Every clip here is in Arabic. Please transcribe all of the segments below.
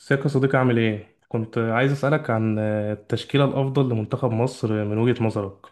ازيك يا صديقي عامل ايه؟ كنت عايز اسألك عن التشكيلة الأفضل لمنتخب مصر من وجهة نظرك.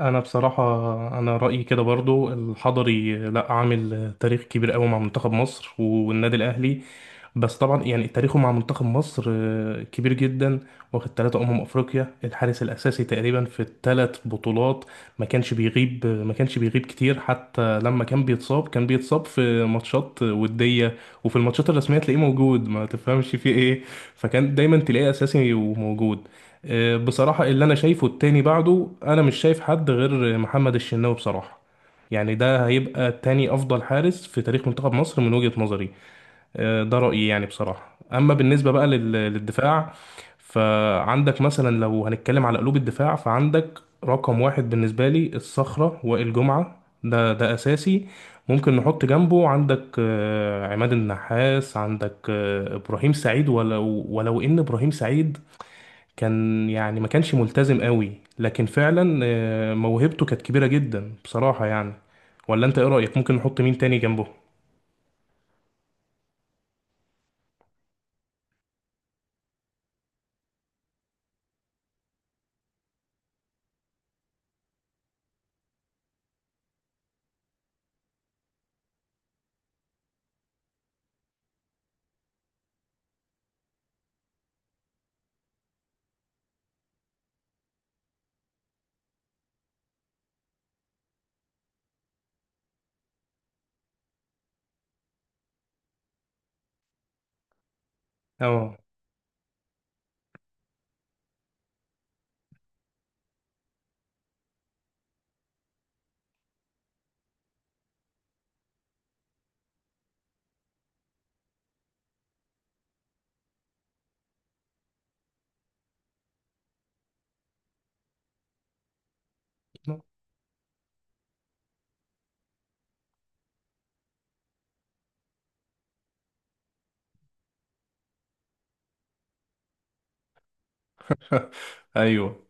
انا بصراحه انا رايي كده برضو الحضري لا عامل تاريخ كبير قوي مع منتخب مصر والنادي الاهلي. بس طبعا يعني تاريخه مع منتخب مصر كبير جدا. واخد ثلاثة افريقيا، الحارس الاساسي تقريبا في الثلاث بطولات. ما كانش بيغيب كتير، حتى لما كان بيتصاب في ماتشات وديه، وفي الماتشات الرسميه تلاقيه موجود ما تفهمش فيه ايه. فكان دايما تلاقيه اساسي وموجود. بصراحة اللي أنا شايفه التاني بعده، أنا مش شايف حد غير محمد الشناوي بصراحة. يعني ده هيبقى تاني أفضل حارس في تاريخ منتخب مصر من وجهة نظري. ده رأيي يعني بصراحة. أما بالنسبة بقى للدفاع، فعندك مثلا لو هنتكلم على قلوب الدفاع، فعندك رقم واحد بالنسبة لي الصخرة وائل جمعة، ده أساسي. ممكن نحط جنبه عندك عماد النحاس، عندك إبراهيم سعيد. ولو إن إبراهيم سعيد كان يعني ما كانش ملتزم قوي، لكن فعلا موهبته كانت كبيرة جدا بصراحة يعني. ولا انت ايه رأيك؟ ممكن نحط مين تاني جنبه؟ اه. ايوه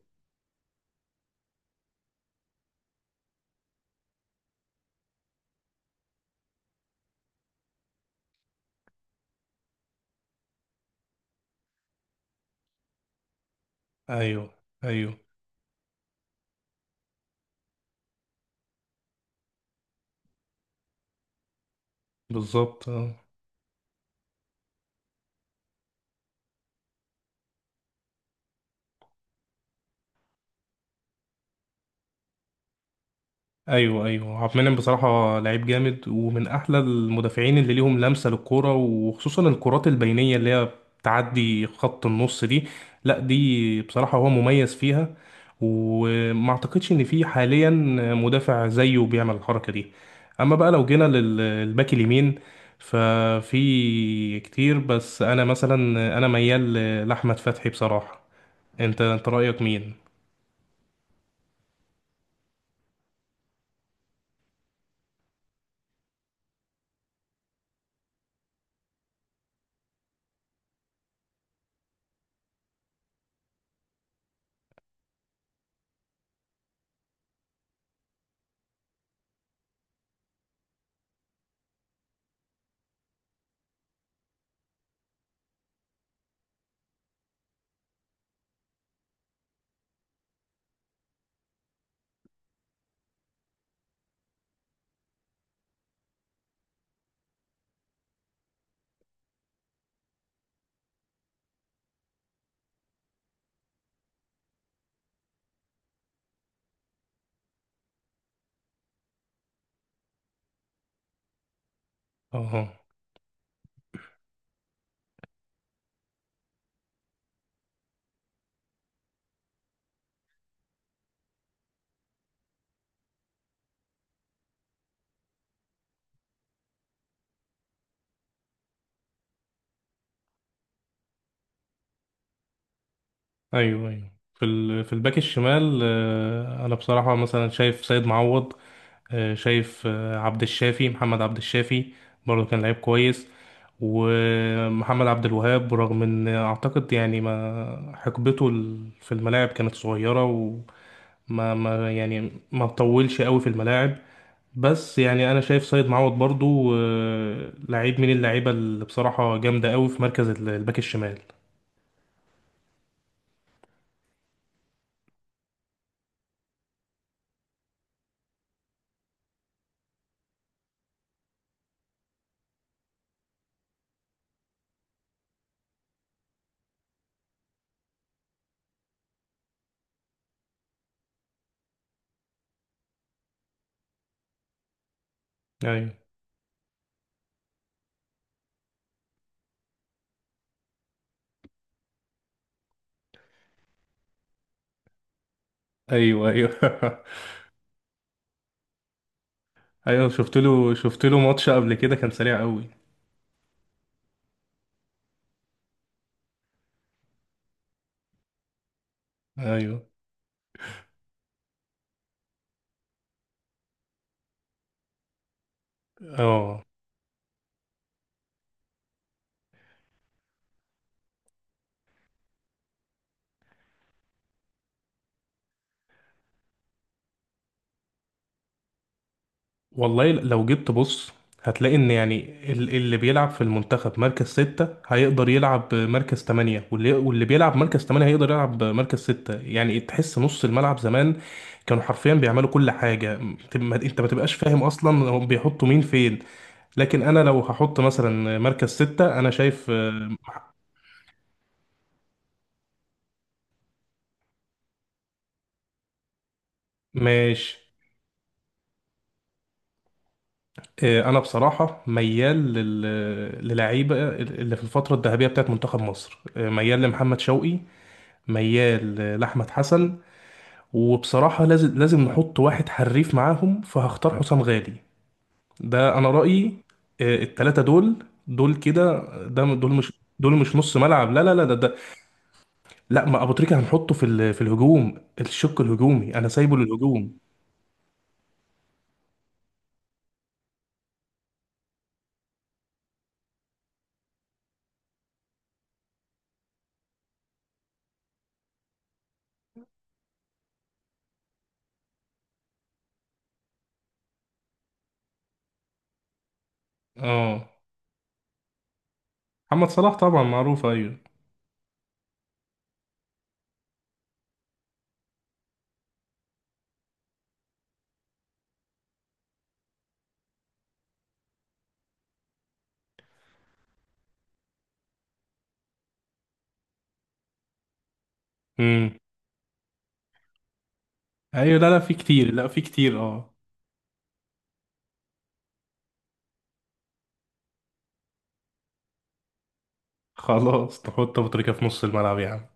ايوه ايوه، بالظبط آه. ايوه ايوه، عبد المنعم بصراحه لعيب جامد، ومن احلى المدافعين اللي ليهم لمسه للكوره، وخصوصا الكرات البينيه اللي هي بتعدي خط النص دي. لا دي بصراحه هو مميز فيها، وما اعتقدش ان في حاليا مدافع زيه بيعمل الحركه دي. اما بقى لو جينا للباك اليمين ففي كتير، بس انا مثلا انا ميال لاحمد فتحي بصراحه. انت رايك مين؟ اه، ايوه ايوه. في في الباك الشمال، انا بصراحه مثلا شايف سيد معوض، شايف عبد الشافي محمد عبد الشافي، برضه كان لعيب كويس. ومحمد عبد الوهاب، برغم ان اعتقد يعني ما حقبته في الملاعب كانت صغيره، ما يعني ما طولش قوي في الملاعب. بس يعني انا شايف سيد معوض برضه لعيب من اللعيبه اللي بصراحه جامده قوي في مركز الباك الشمال. ايوه ايوه ايوه. ايوه، شفت له ماتش قبل كده كان سريع قوي. ايوه، اه. والله لو جبت، بص هتلاقي ان يعني اللي بيلعب في المنتخب مركز ستة هيقدر يلعب مركز تمانية، واللي بيلعب مركز تمانية هيقدر يلعب مركز ستة. يعني تحس نص الملعب زمان كانوا حرفيا بيعملوا كل حاجة. انت ما تبقاش فاهم اصلا هم بيحطوا مين فين. لكن انا لو هحط مثلا مركز ستة انا شايف ماشي. انا بصراحه ميال للعيبه اللي في الفتره الذهبيه بتاعت منتخب مصر. ميال لمحمد شوقي، ميال لاحمد حسن. وبصراحه لازم نحط واحد حريف معاهم، فهختار حسام غالي. ده انا رايي. التلاته دول دول كده. ده دول مش دول مش نص ملعب، لا لا لا، ده. لا، ما ابو تريكه هنحطه في في الهجوم، الشق الهجومي، انا سايبه للهجوم. اه، محمد صلاح طبعا معروف. ايوه. امم. ايوه، لا لا، في كتير، لا في كتير، اه. خلاص، تحط ابو تريكه في نص الملعب يا عم.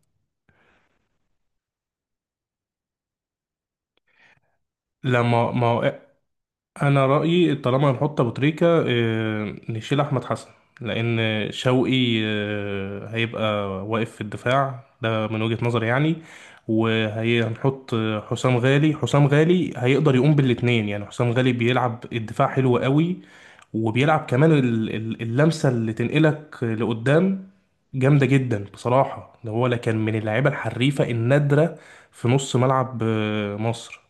لا، ما هو انا رايي طالما هنحط ابو تريكه نشيل احمد حسن. لان شوقي هيبقى واقف في الدفاع ده من وجهه نظري يعني. وهنحط حسام غالي. حسام غالي هيقدر يقوم بالاتنين. يعني حسام غالي بيلعب الدفاع حلو قوي، وبيلعب كمان اللمسة اللي تنقلك لقدام جامدة جدا بصراحة. ده هو لا كان من اللعيبة الحريفة النادرة في نص ملعب مصر.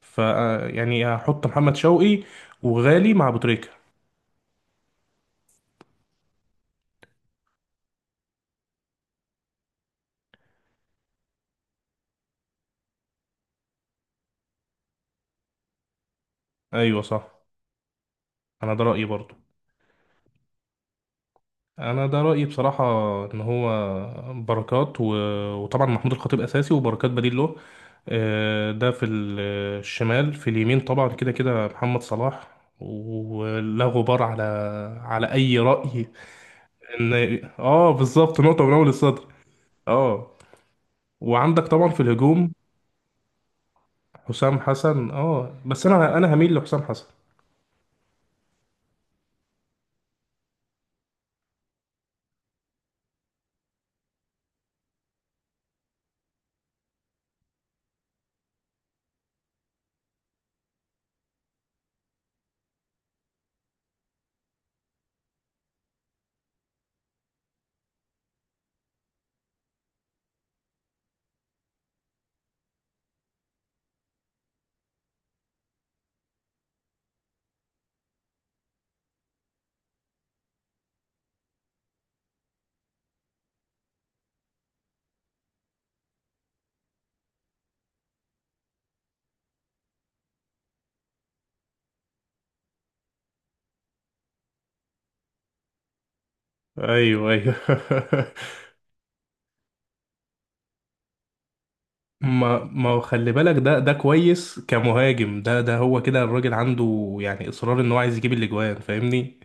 ف آه، يعني هحط محمد شوقي وغالي مع أبو تريكة. أيوة صح، أنا ده رأيي برضو. أنا ده رأيي بصراحة، إن هو بركات وطبعا محمود الخطيب أساسي، وبركات بديل له. ده في الشمال. في اليمين طبعا كده كده محمد صلاح، ولا غبار على اي رأي. ان اه، بالظبط، نقطة من اول السطر. اه. وعندك طبعا في الهجوم حسام حسن، اه، بس انا هميل لحسام حسن. ايوه ايوه. ما هو خلي بالك، ده كويس كمهاجم، ده هو كده، الراجل عنده يعني اصرار ان هو عايز يجيب الاجوان، فاهمني.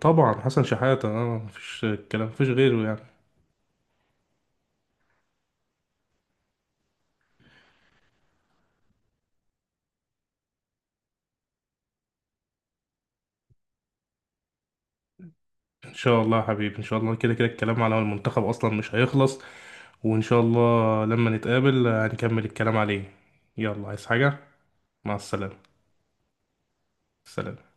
طبعا حسن شحاتة، اه، مفيش كلام، مفيش غيره يعني. ان شاء الله يا حبيبي، ان شاء الله، كده كده الكلام على المنتخب اصلا مش هيخلص. وان شاء الله لما نتقابل هنكمل الكلام عليه. يلا، عايز حاجة؟ مع السلامة. سلام.